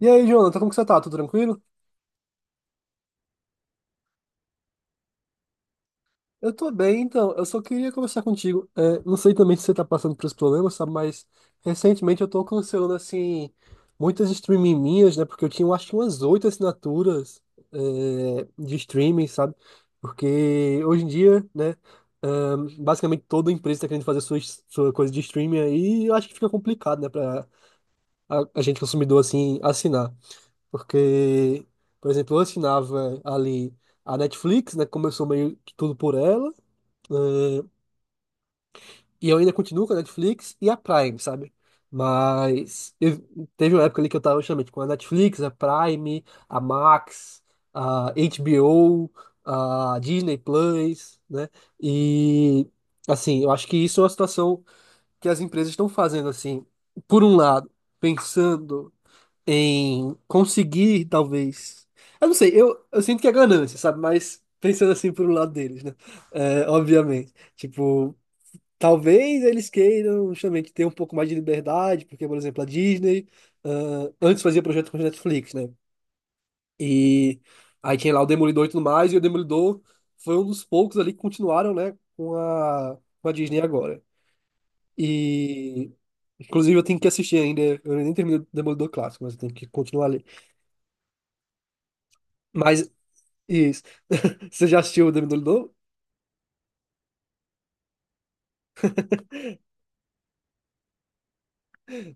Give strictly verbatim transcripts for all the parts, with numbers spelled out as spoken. E aí, Jonathan, como que você tá? Tudo tranquilo? Eu tô bem, então. Eu só queria conversar contigo. É, não sei também se você tá passando por esse problema, sabe? Mas recentemente eu tô cancelando, assim, muitas streaming minhas, né? Porque eu tinha, eu acho que umas oito assinaturas, é, de streaming, sabe? Porque hoje em dia, né? é, basicamente toda empresa tá querendo fazer sua, sua coisa de streaming aí. E eu acho que fica complicado, né? Pra a, a gente consumidor, assim, assinar. Porque, por exemplo, eu assinava ali a Netflix, né? Começou meio que tudo por ela. né, E eu ainda continuo com a Netflix e a Prime, sabe? Mas eu, teve uma época ali que eu tava justamente com a Netflix, a Prime, a Max, a H B O, a Disney Plus, né? E assim, eu acho que isso é uma situação que as empresas estão fazendo assim, por um lado, pensando em conseguir, talvez. Eu não sei, eu, eu sinto que é ganância, sabe? Mas pensando assim por um lado deles, né? É, obviamente. Tipo, talvez eles queiram justamente ter um pouco mais de liberdade, porque, por exemplo, a Disney, ah, antes fazia projeto com a Netflix, né? E aí tinha lá o Demolidor e tudo mais, e o Demolidor foi um dos poucos ali que continuaram, né, com a, com a Disney agora. E. Inclusive, eu tenho que assistir ainda. Eu nem terminei o Demolidor Clássico, mas eu tenho que continuar ali. Mas isso. Você já assistiu o Demolidor?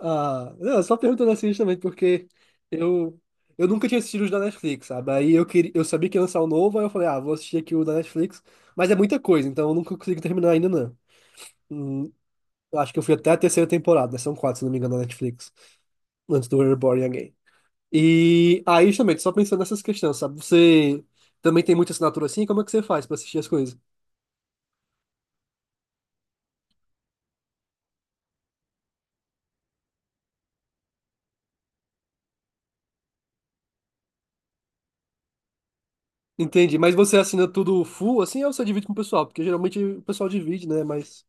Ah, não, só perguntando assim também, porque eu, eu nunca tinha assistido os da Netflix, sabe? Aí eu queria, eu sabia que ia lançar o novo, aí eu falei, ah, vou assistir aqui o da Netflix, mas é muita coisa, então eu nunca consigo terminar ainda, não. Hum, eu acho que eu fui até a terceira temporada, né? São quatro, se não me engano, da Netflix, antes do Reborn Again. E aí, justamente, só pensando nessas questões, sabe? Você também tem muita assinatura assim? Como é que você faz pra assistir as coisas? Entendi, mas você assina tudo full assim ou você divide com o pessoal? Porque geralmente o pessoal divide, né? Mas.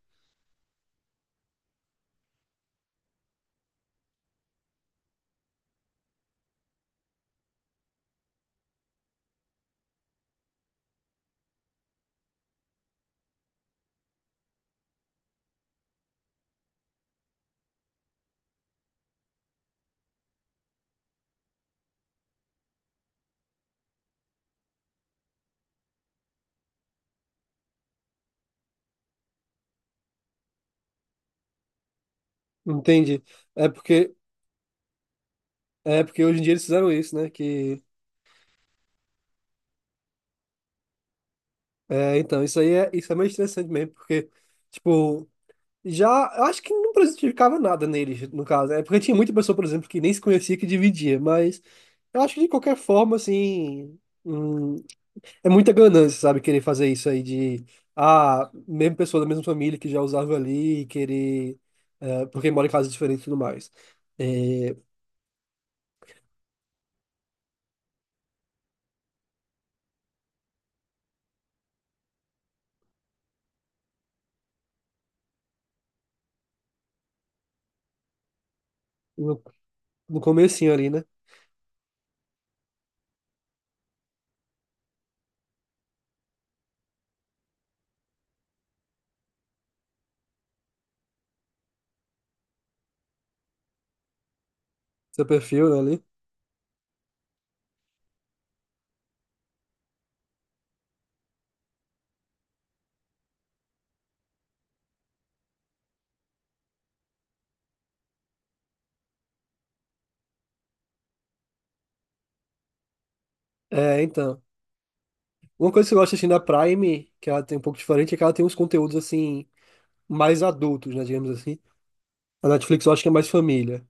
Entendi. É porque, é porque hoje em dia eles fizeram isso, né? Que, é, então, isso aí é, isso é meio interessante mesmo, porque, tipo, já, eu acho que não prejudicava nada neles, no caso, é porque tinha muita pessoa, por exemplo, que nem se conhecia, que dividia, mas eu acho que de qualquer forma, assim, hum, é muita ganância, sabe? Querer fazer isso aí de, ah, mesmo pessoa da mesma família que já usava ali, querer, é, porque mora em casas diferentes e tudo mais. É, no, no comecinho ali, né? Seu perfil, né, ali. É, então. Uma coisa que eu gosto assim da Prime, que ela tem um pouco diferente, é que ela tem uns conteúdos assim mais adultos, né, digamos assim. A Netflix eu acho que é mais família.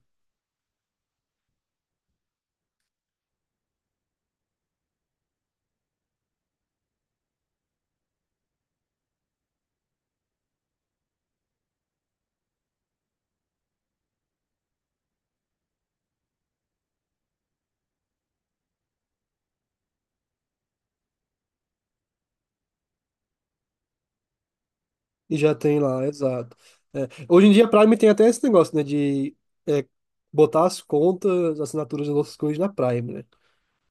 E já tem lá, exato. É, hoje em dia a Prime tem até esse negócio, né, de é, botar as contas, assinaturas das outras coisas na Prime, né?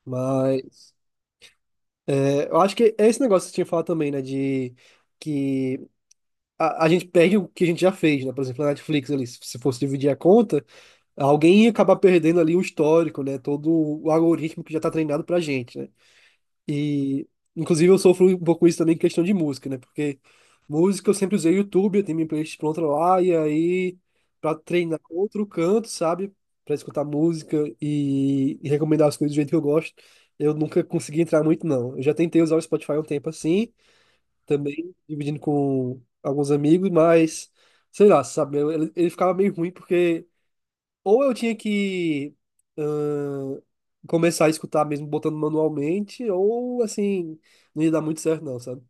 Mas é, eu acho que é esse negócio que você tinha falado também, né, de que a, a gente perde o que a gente já fez, né? Por exemplo, a Netflix ali, se se fosse dividir a conta, alguém ia acabar perdendo ali o histórico, né? Todo o algoritmo que já tá treinado pra gente, né? E, inclusive, eu sofro um pouco isso também em questão de música, né? Porque música eu sempre usei o YouTube, eu tenho minha playlist pronta lá, e aí, pra treinar outro canto, sabe? Pra escutar música e, e recomendar as coisas do jeito que eu gosto, eu nunca consegui entrar muito, não. Eu já tentei usar o Spotify um tempo assim, também dividindo com alguns amigos, mas sei lá, sabe? Ele, ele ficava meio ruim porque. Ou eu tinha que ãh, começar a escutar mesmo botando manualmente, ou assim, não ia dar muito certo não, sabe?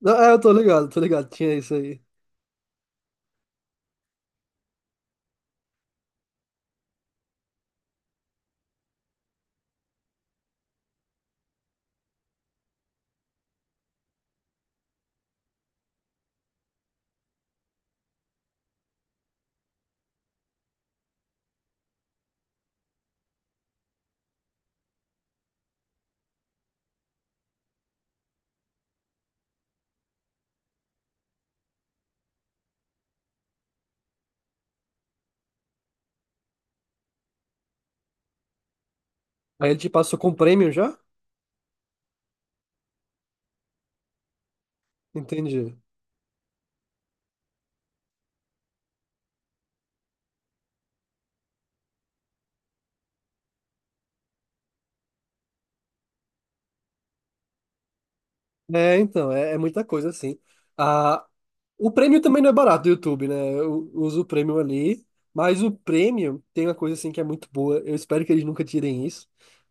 Não, é, eu tô ligado, tô ligado, tinha isso aí. Aí ele te passou com prêmio já? Entendi. É, então, é, é muita coisa, assim. Ah, o prêmio também não é barato do YouTube, né? Eu uso o prêmio ali, mas o prêmio tem uma coisa, assim, que é muito boa. Eu espero que eles nunca tirem isso.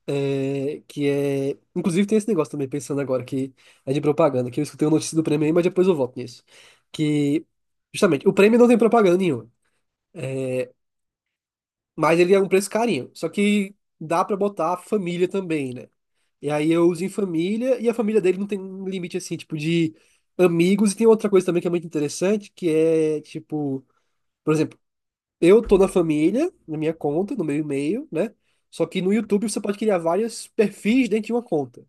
É, que é. Inclusive, tem esse negócio também, pensando agora, que é de propaganda, que eu escutei uma notícia do prêmio aí, mas depois eu volto nisso. Que, justamente, o prêmio não tem propaganda nenhuma. Mas ele é um preço carinho. Só que dá pra botar a família também, né? E aí eu uso em família, e a família dele não tem um limite assim, tipo, de amigos. E tem outra coisa também que é muito interessante, que é, tipo, por exemplo, eu tô na família, na minha conta, no meu e-mail, né? Só que no YouTube você pode criar vários perfis dentro de uma conta.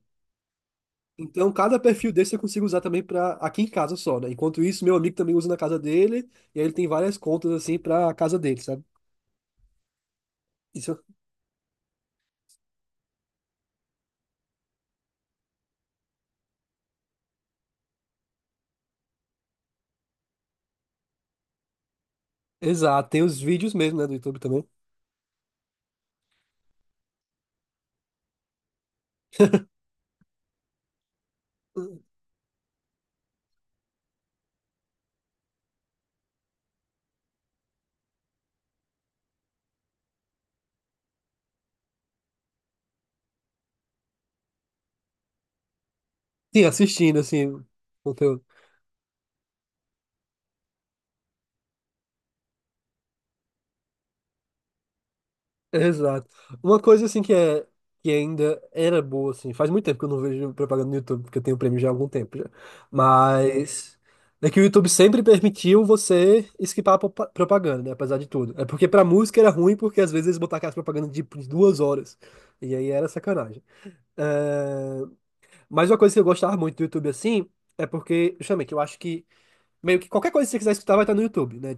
Então, cada perfil desse eu consigo usar também pra aqui em casa só, né? Enquanto isso, meu amigo também usa na casa dele, e aí ele tem várias contas assim pra casa dele, sabe? Isso. Exato, tem os vídeos mesmo, né, do YouTube também. Sim, assistindo, assim, conteúdo. Exato. Uma coisa, assim, que é... Que ainda era boa, assim. Faz muito tempo que eu não vejo propaganda no YouTube, porque eu tenho prêmio já há algum tempo já. Mas... É que o YouTube sempre permitiu você esquipar a propa- propaganda, né? Apesar de tudo. É porque pra música era ruim, porque às vezes eles botavam aquelas propagandas de, de duas horas. E aí era sacanagem. É, mas uma coisa que eu gostava muito do YouTube, assim, é porque... Justamente, eu acho que meio que qualquer coisa que você quiser escutar vai estar no YouTube, né?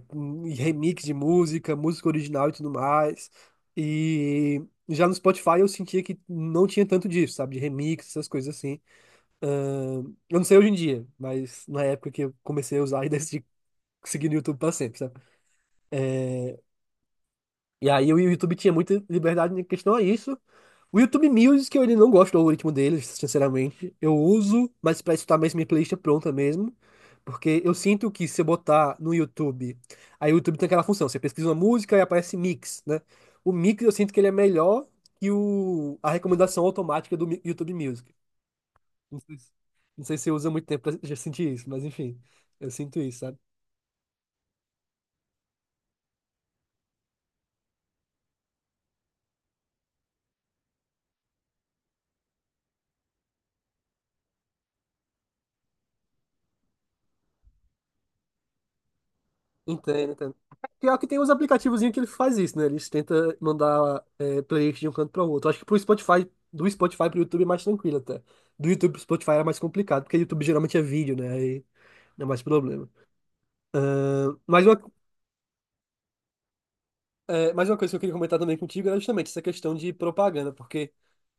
E remix de música, música original e tudo mais. E já no Spotify eu sentia que não tinha tanto disso, sabe? De remix, essas coisas assim. Ahn, eu não sei hoje em dia, mas na época que eu comecei a usar e decidi seguir no YouTube pra sempre, sabe? E aí o YouTube tinha muita liberdade em questão a isso. O YouTube Music, eu ele não gosto do algoritmo deles, sinceramente. Eu uso, mas para escutar mais minha playlist pronta mesmo. Porque eu sinto que se eu botar no YouTube, aí o YouTube tem aquela função, você pesquisa uma música e aparece mix, né? O mix eu sinto que ele é melhor que o, a recomendação automática do Mi- YouTube Music. Não sei se, não sei se você usa muito tempo pra já sentir isso, mas enfim, eu sinto isso. Entendo, entendo. Pior que tem uns aplicativozinhos que ele faz isso, né? Eles tentam mandar é, playlist de um canto para o outro. Acho que pro Spotify, do Spotify pro YouTube é mais tranquilo até. Do YouTube pro Spotify era mais complicado, porque YouTube geralmente é vídeo, né? Aí não é mais problema. Ahn, mais uma, é, mais uma coisa que eu queria comentar também contigo era justamente essa questão de propaganda, porque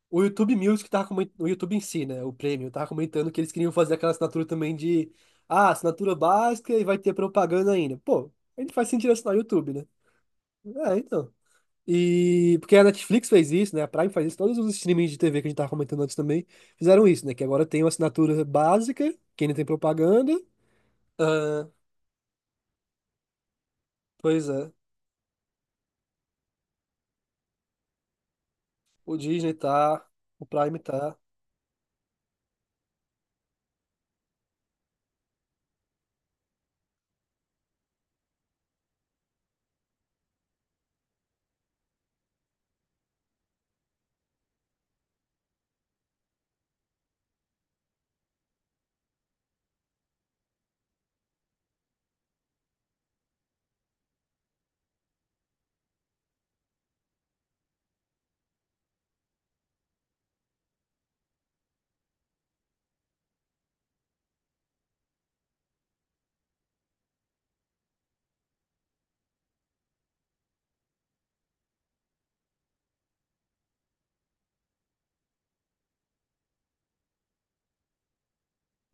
o YouTube Music tava comentando, o YouTube em si, né? O Premium, tava comentando que eles queriam fazer aquela assinatura também de, ah, assinatura básica e vai ter propaganda ainda. Pô, a gente faz sentido assinar o YouTube, né? É, então. E porque a Netflix fez isso, né? A Prime faz isso, todos os streamings de T V que a gente tava comentando antes também fizeram isso, né? Que agora tem uma assinatura básica, que ainda tem propaganda. Ah, pois é. O Disney tá, o Prime tá.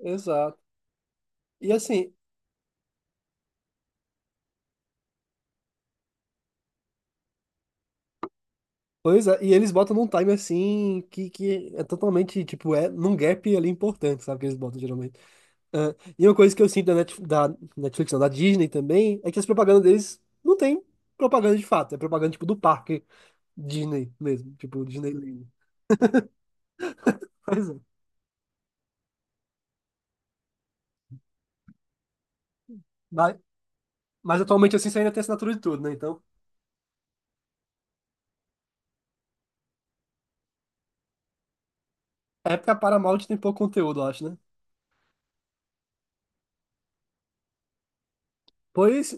Exato. E assim, pois é, e eles botam num time assim que, que é totalmente, tipo, é num gap ali importante, sabe? Que eles botam geralmente. Ah, e uma coisa que eu sinto da, Net, da Netflix, não, da Disney também, é que as propagandas deles não tem propaganda de fato, é propaganda tipo do parque Disney mesmo, tipo Disneyland. Pois é. Mas, mas atualmente assim você ainda tem assinatura de tudo, né? Então, é porque a Paramount tem pouco conteúdo, eu acho, né? Pois,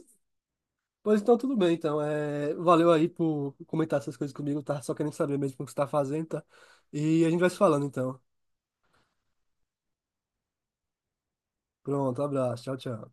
pois então tudo bem, então. É, valeu aí por comentar essas coisas comigo, tá? Só querendo saber mesmo o que você tá fazendo, tá? E a gente vai se falando então. Pronto, abraço, tchau, tchau.